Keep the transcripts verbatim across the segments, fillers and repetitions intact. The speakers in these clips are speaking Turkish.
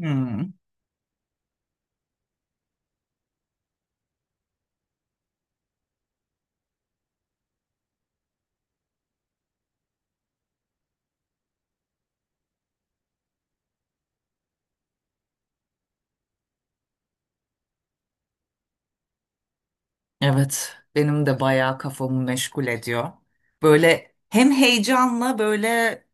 Hmm, evet, benim de bayağı kafamı meşgul ediyor. Böyle hem heyecanla böyle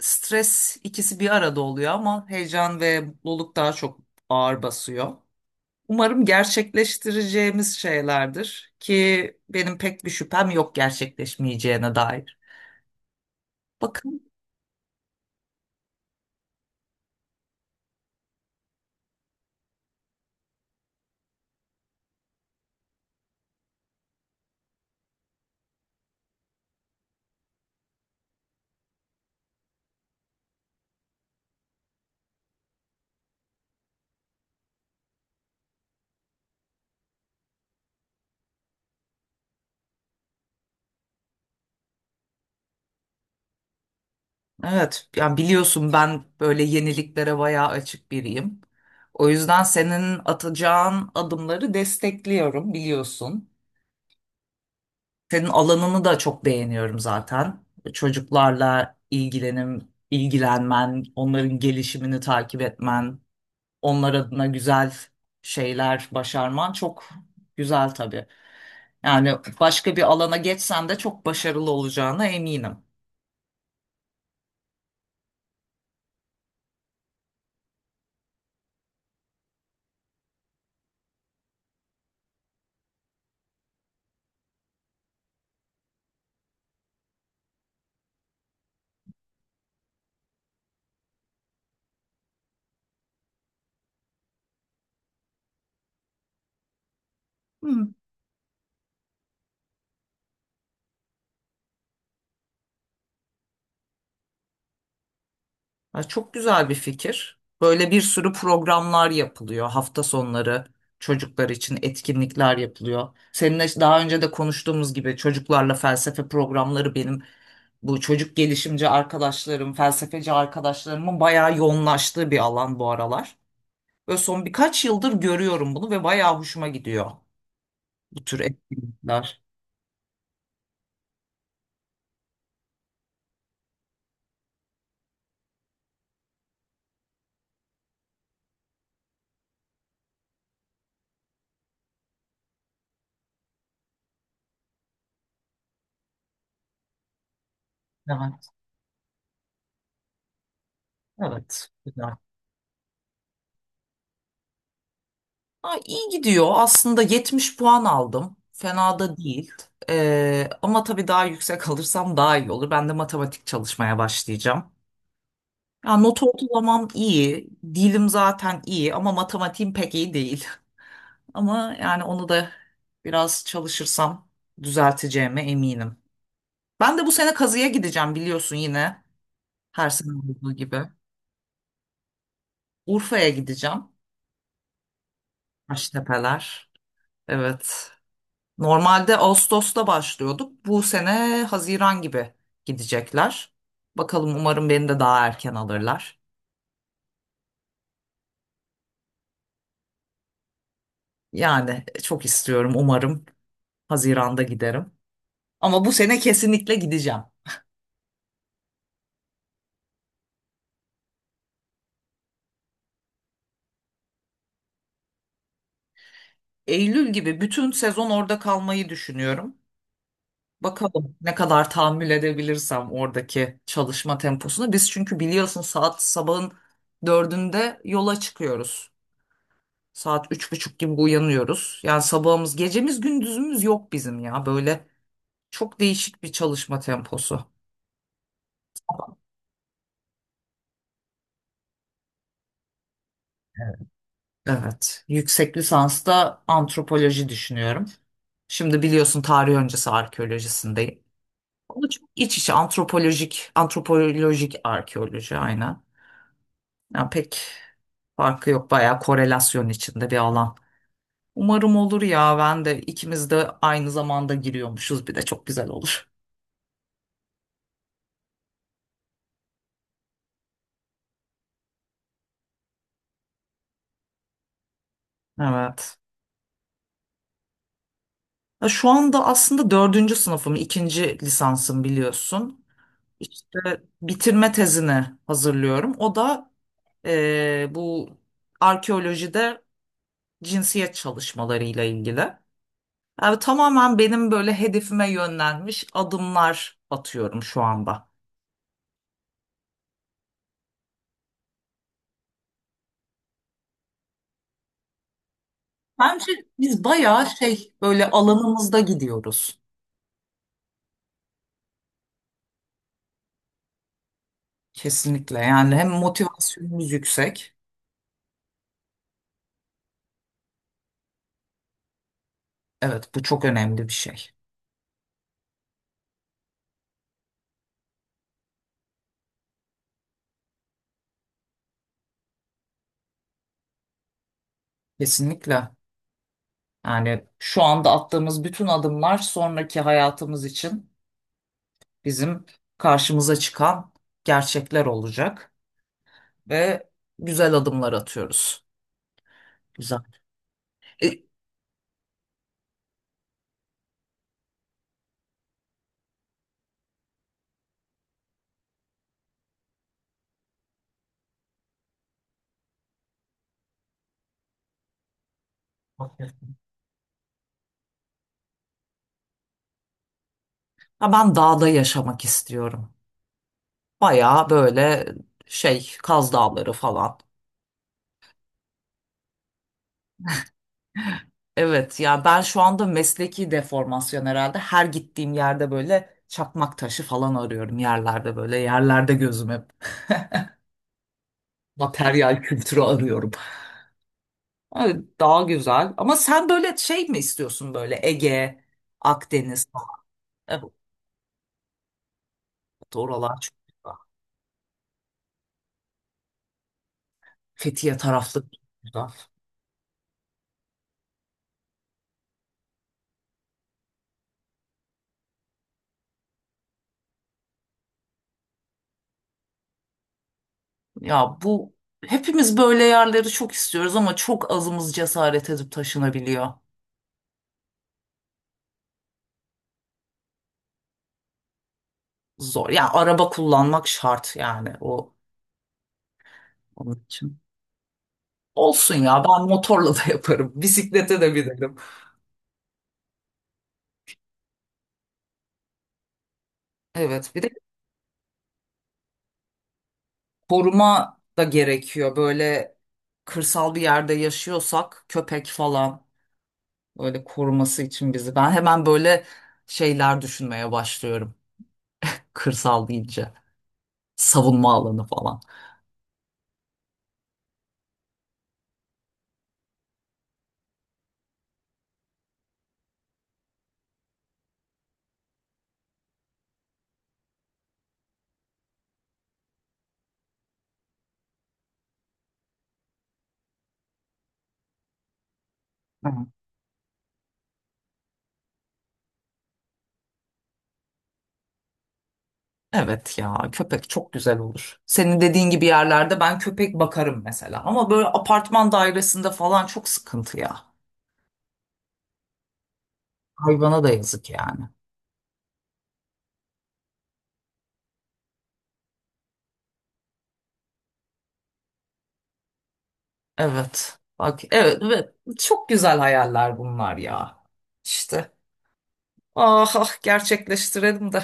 stres ikisi bir arada oluyor ama heyecan ve mutluluk daha çok ağır basıyor. Umarım gerçekleştireceğimiz şeylerdir ki benim pek bir şüphem yok gerçekleşmeyeceğine dair. Bakın, evet, yani biliyorsun ben böyle yeniliklere bayağı açık biriyim. O yüzden senin atacağın adımları destekliyorum biliyorsun. Senin alanını da çok beğeniyorum zaten. Çocuklarla ilgilenim, ilgilenmen, onların gelişimini takip etmen, onlar adına güzel şeyler başarman çok güzel tabii. Yani başka bir alana geçsen de çok başarılı olacağına eminim. Hı. Ha, çok güzel bir fikir. Böyle bir sürü programlar yapılıyor. Hafta sonları çocuklar için etkinlikler yapılıyor. Seninle daha önce de konuştuğumuz gibi çocuklarla felsefe programları benim bu çocuk gelişimci arkadaşlarım, felsefeci arkadaşlarımın bayağı yoğunlaştığı bir alan bu aralar. Ve son birkaç yıldır görüyorum bunu ve bayağı hoşuma gidiyor bu tür etkinlikler. Evet, evet, güzel. Ha, iyi gidiyor. Aslında yetmiş puan aldım. Fena da değil. Ee, ama tabii daha yüksek alırsam daha iyi olur. Ben de matematik çalışmaya başlayacağım. Ya, not ortalamam iyi. Dilim zaten iyi ama matematiğim pek iyi değil. Ama yani onu da biraz çalışırsam düzelteceğime eminim. Ben de bu sene kazıya gideceğim biliyorsun yine. Her sene olduğu gibi. Urfa'ya gideceğim. Taştepeler. Evet. Normalde Ağustos'ta başlıyorduk. Bu sene Haziran gibi gidecekler. Bakalım, umarım beni de daha erken alırlar. Yani çok istiyorum, umarım Haziran'da giderim. Ama bu sene kesinlikle gideceğim. Eylül gibi bütün sezon orada kalmayı düşünüyorum. Bakalım ne kadar tahammül edebilirsem oradaki çalışma temposunu. Biz çünkü biliyorsun saat sabahın dördünde yola çıkıyoruz. Saat üç buçuk gibi uyanıyoruz. Yani sabahımız, gecemiz, gündüzümüz yok bizim ya. Böyle çok değişik bir çalışma temposu. Evet. Evet. Yüksek lisansta antropoloji düşünüyorum. Şimdi biliyorsun tarih öncesi arkeolojisindeyim. Ama çok iç içe antropolojik, antropolojik arkeoloji aynen. Yani pek farkı yok. Bayağı korelasyon içinde bir alan. Umarım olur ya. Ben de, ikimiz de aynı zamanda giriyormuşuz. Bir de çok güzel olur. Evet. Ya şu anda aslında dördüncü sınıfım, ikinci lisansım biliyorsun. İşte bitirme tezini hazırlıyorum. O da eee, bu arkeolojide cinsiyet çalışmalarıyla ilgili. Yani tamamen benim böyle hedefime yönlenmiş adımlar atıyorum şu anda. Bence biz bayağı şey böyle alanımızda gidiyoruz. Kesinlikle, yani hem motivasyonumuz yüksek. Evet, bu çok önemli bir şey. Kesinlikle. Yani şu anda attığımız bütün adımlar sonraki hayatımız için bizim karşımıza çıkan gerçekler olacak ve güzel adımlar atıyoruz. Güzel. E, Okey. Ha, ben dağda yaşamak istiyorum. Bayağı böyle şey Kaz Dağları falan. Evet ya, ben şu anda mesleki deformasyon herhalde. Her gittiğim yerde böyle çakmak taşı falan arıyorum yerlerde böyle. Yerlerde gözüm hep materyal kültürü arıyorum. Evet, daha güzel. Ama sen böyle şey mi istiyorsun, böyle Ege, Akdeniz? Evet, oralar çok güzel. Fethiye tarafları çok güzel. Ya, bu hepimiz böyle yerleri çok istiyoruz ama çok azımız cesaret edip taşınabiliyor. Zor. Ya araba kullanmak şart yani o onun için. Olsun ya, ben motorla da yaparım. Bisiklete de binerim. Evet, bir de koruma da gerekiyor. Böyle kırsal bir yerde yaşıyorsak köpek falan, böyle koruması için bizi. Ben hemen böyle şeyler düşünmeye başlıyorum. Kırsal deyince. Savunma alanı falan. Hı. Evet ya, köpek çok güzel olur. Senin dediğin gibi yerlerde ben köpek bakarım mesela. Ama böyle apartman dairesinde falan çok sıkıntı ya. Hayvana da yazık yani. Evet. Bak, evet, evet. Çok güzel hayaller bunlar ya. İşte. Ah ah, gerçekleştirelim de.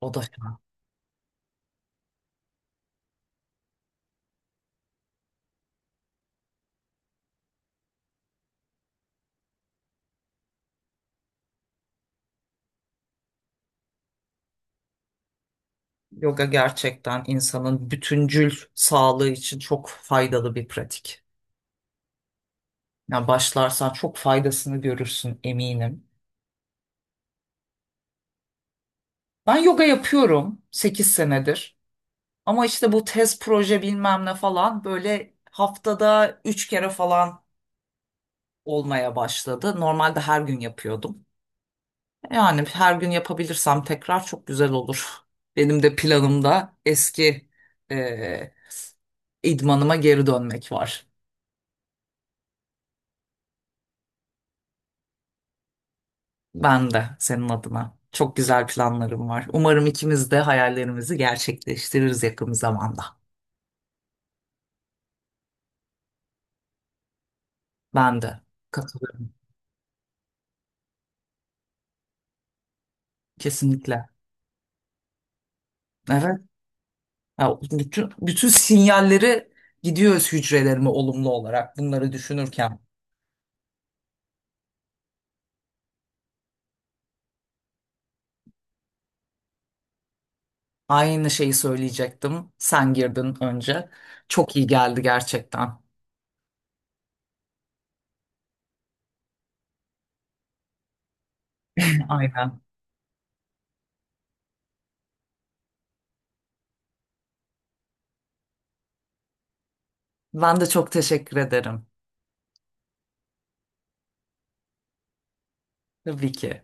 O da, yoga gerçekten insanın bütüncül sağlığı için çok faydalı bir pratik. Yani başlarsan çok faydasını görürsün eminim. Ben yoga yapıyorum sekiz senedir. Ama işte bu tez proje bilmem ne falan böyle haftada üç kere falan olmaya başladı. Normalde her gün yapıyordum. Yani her gün yapabilirsem tekrar çok güzel olur. Benim de planımda eski eee idmanıma geri dönmek var. Ben de senin adına. Çok güzel planlarım var. Umarım ikimiz de hayallerimizi gerçekleştiririz yakın zamanda. Ben de katılıyorum. Kesinlikle. Evet. Ha, bütün, bütün sinyalleri gidiyoruz hücrelerime olumlu olarak bunları düşünürken. Aynı şeyi söyleyecektim. Sen girdin önce. Çok iyi geldi gerçekten. Aynen. Ben de çok teşekkür ederim. Tabii ki.